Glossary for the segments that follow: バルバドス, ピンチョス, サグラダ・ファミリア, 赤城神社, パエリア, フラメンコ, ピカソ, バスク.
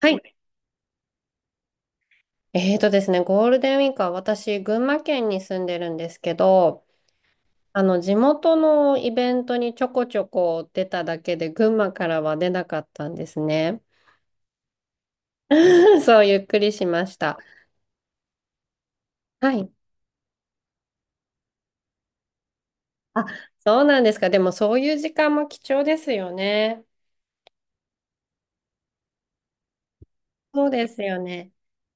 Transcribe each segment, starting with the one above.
はい。えーとですね、ゴールデンウィークは私、群馬県に住んでるんですけど、地元のイベントにちょこちょこ出ただけで、群馬からは出なかったんですね。そう、ゆっくりしました。はい。あ、そうなんですか。でも、そういう時間も貴重ですよね。そうですよね。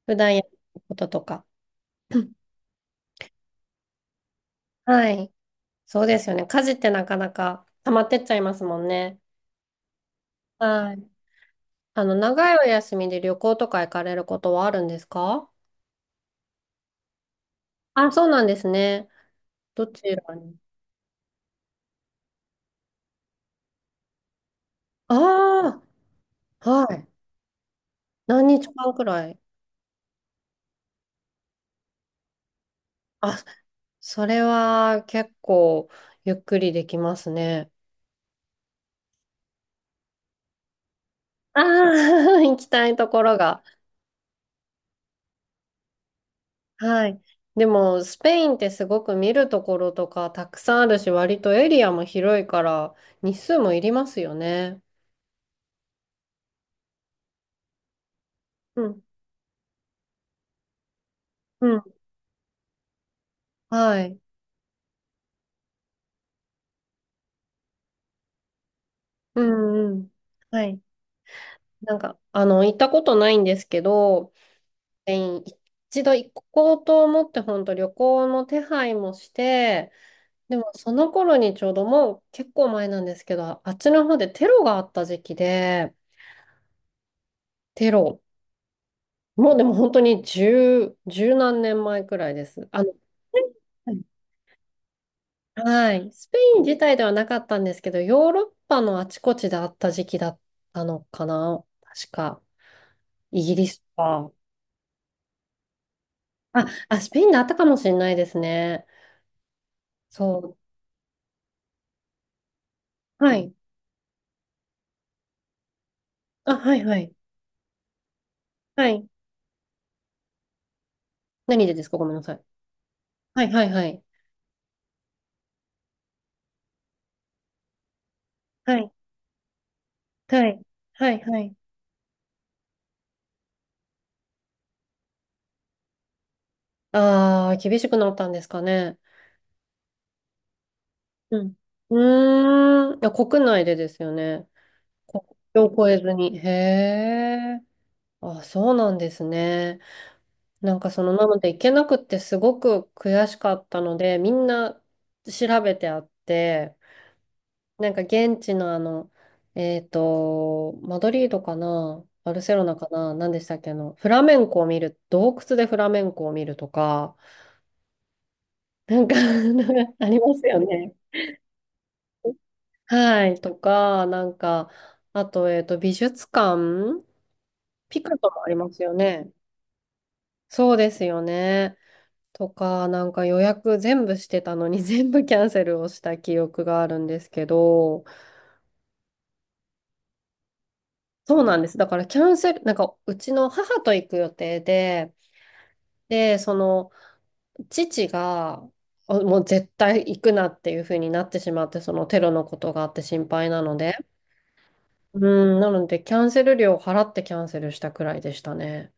普段やることとか。はい。そうですよね。家事ってなかなか溜まってっちゃいますもんね。はい。長いお休みで旅行とか行かれることはあるんですか？あ、そうなんですね。どちらに？ああ、はい。何日間くらい？あ、それは結構ゆっくりできますね。ああ、行きたいところが。はい。でも、スペインってすごく見るところとかたくさんあるし、割とエリアも広いから、日数もいりますよね。うん。うん。はい。うんうん。はい。行ったことないんですけど、スペイン一度行こうと思って、本当旅行の手配もして、でもその頃にちょうどもう結構前なんですけど、あっちの方でテロがあった時期で、テロ、もうでも本当に十、十何年前くらいです。はい、スペイン自体ではなかったんですけど、ヨーロッパのあちこちであった時期だったのかな、確か。イギリスか。あ、あ、スペインであったかもしれないですね。そう。はい。あ、はい、はい。はい。何でですかごめんなさい。はいはいはい。はい。はい。はいはい。ああ、厳しくなったんですかね。うん。うーん。いや、国内でですよね。国境を越えずに。へえ。あ、そうなんですね。なので行けなくってすごく悔しかったので、みんな調べてあって、現地のマドリードかな、バルセロナかな、何でしたっけ、フラメンコを見る、洞窟でフラメンコを見るとか、なんか ありますよね。はい、とか、なんか、あと、美術館、ピカソもありますよね。そうですよね。とか、予約全部してたのに 全部キャンセルをした記憶があるんですけど、そうなんです。だからキャンセル、なんかうちの母と行く予定で、で、その父があもう絶対行くなっていう風になってしまって、そのテロのことがあって心配なので、うん、なのでキャンセル料を払ってキャンセルしたくらいでしたね。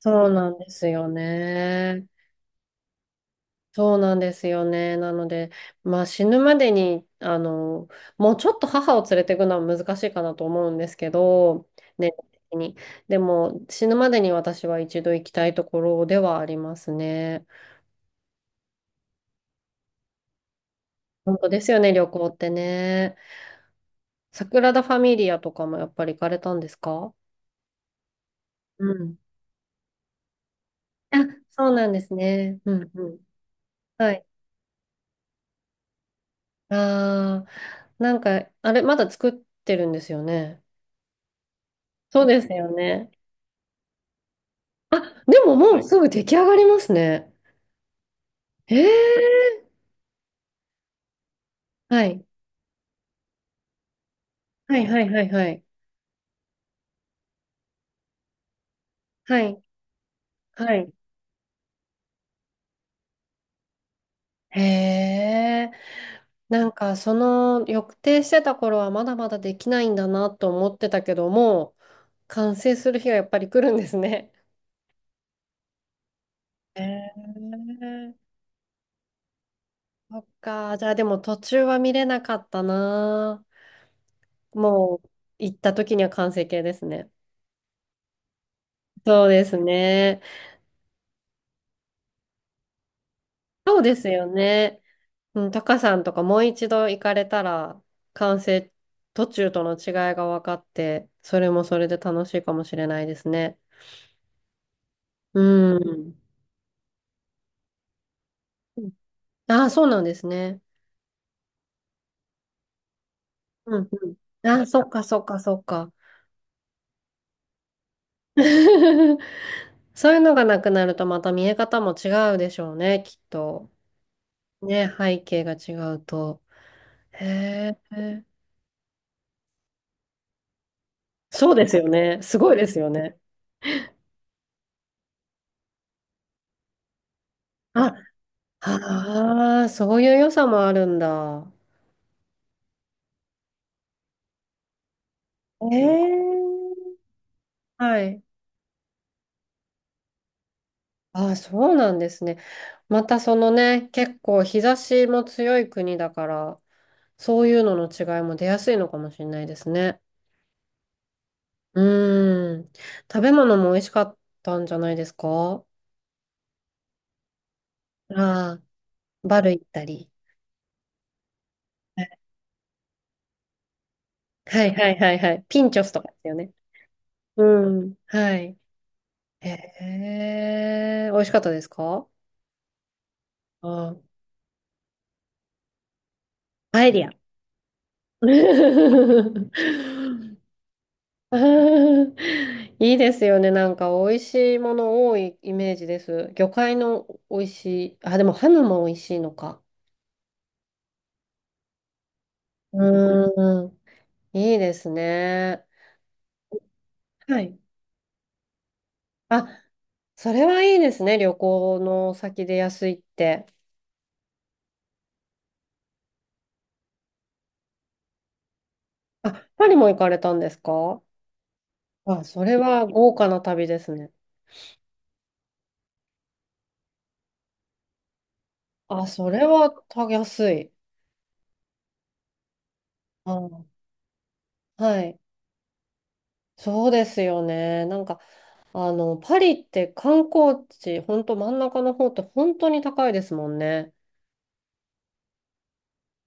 そうなんですよね。そうなんですよね。なので、まあ死ぬまでに、もうちょっと母を連れていくのは難しいかなと思うんですけど、年齢的に。でも死ぬまでに私は一度行きたいところではありますね。本当ですよね、旅行ってね。サグラダ・ファミリアとかもやっぱり行かれたんですか？うん。あ、そうなんですね。うんうん。はい。ああ、なんか、あれ、まだ作ってるんですよね。そうですよね。あ、でももうすぐ出来上がりますね。へえ。はい。はいはいはいはい。はい。はい。へえ。抑定してた頃はまだまだできないんだなと思ってたけども、完成する日がやっぱり来るんですね。えー、そっか。じゃあでも途中は見れなかったな。もう行った時には完成形ですね。そうですね。そうですよね。うん、タカさんとかもう一度行かれたら完成途中との違いが分かって、それもそれで楽しいかもしれないですね。うん。ああ、そうなんですね。うんうん。ああ、そっかそっかそっか。そういうのがなくなるとまた見え方も違うでしょうね、きっと。ね、背景が違うと。へえ。そうですよね。すごいですよね。あ、ああ、そういう良さもあるんだ。ええ。はい。ああ、そうなんですね。またそのね、結構日差しも強い国だから、そういうのの違いも出やすいのかもしれないですね。うーん。食べ物も美味しかったんじゃないですか？ああ、バル行ったり。はいはいはいはいはい。ピンチョスとかですよね。うん。はい。へえ、美味しかったですか？ああ、パエリア。あーいいですよね。美味しいもの多いイメージです。魚介の美味しい。あ、でもハムも美味しいのか。うーん。いいですね。はい。あ、それはいいですね。旅行の先で安いって。あ、パリも行かれたんですか？あ、それは豪華な旅ですね。あ、それはた安い。あ、はい。そうですよね。パリって観光地、ほんと真ん中の方って本当に高いですもんね。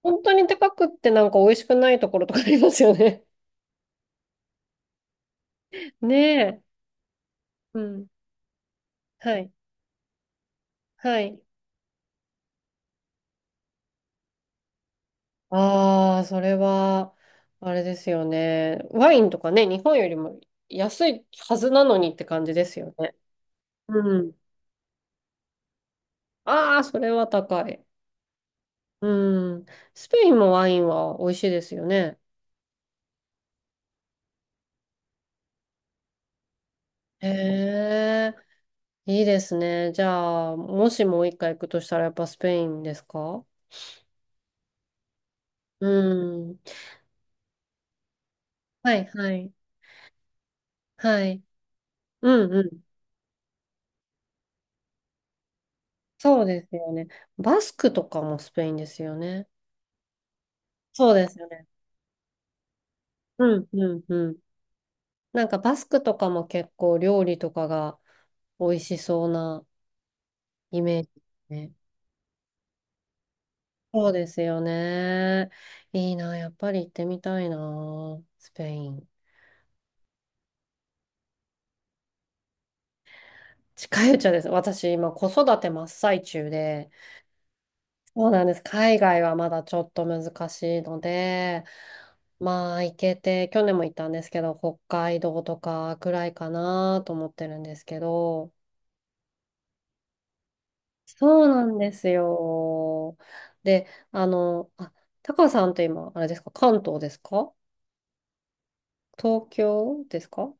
本当に高くって美味しくないところとかありますよね。ねえ。うん。はい。はい。ああ、それは、あれですよね。ワインとかね、日本よりも安いはずなのにって感じですよね。うん。ああ、それは高い。うん。スペインもワインは美味しいですよね。へえ、いいですね。じゃあ、もしもう一回行くとしたらやっぱスペインですか？うん。はいはい。はい。うんうん。そうですよね。バスクとかもスペインですよね。そうですよね。うんうんうん。バスクとかも結構料理とかが美味しそうなイメージね。そうですよね。いいな、やっぱり行ってみたいな、スペイン。近いうちはです。私、今、子育て真っ最中で、そうなんです。海外はまだちょっと難しいので、まあ、行けて、去年も行ったんですけど、北海道とかくらいかなと思ってるんですけど、そうなんですよ。で、あの、あ、タカさんって今、あれですか、関東ですか？東京ですか？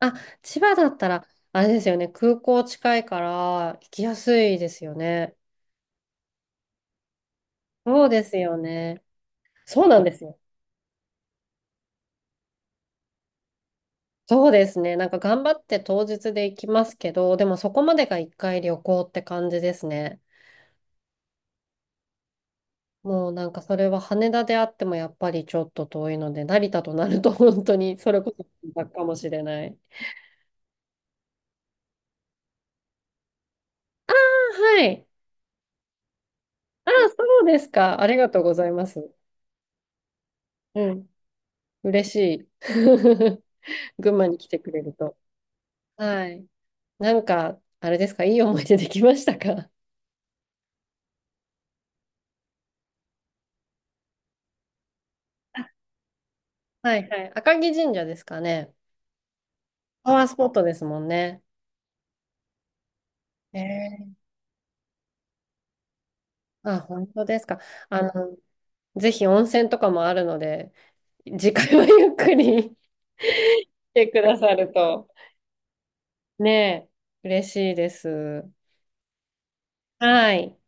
あ、千葉だったら、あれですよね、空港近いから行きやすいですよね。そうですよね。そうなんですよ。そうですね。頑張って当日で行きますけど、でもそこまでが一回旅行って感じですね。もうなんかそれは羽田であってもやっぱりちょっと遠いので、成田となると 本当にそれこそだかもしれない。あはい。あ、そうですか。ありがとうございます。うん。嬉しい。群馬に来てくれると。はい。なんか、あれですか、いい思い出できましたか？あ はいはい。赤城神社ですかね。パワースポットですもんね。ええ。あ、本当ですか。あの、ぜひ温泉とかもあるので、次回はゆっくり 来てくださると、ねえ、嬉しいです。はい。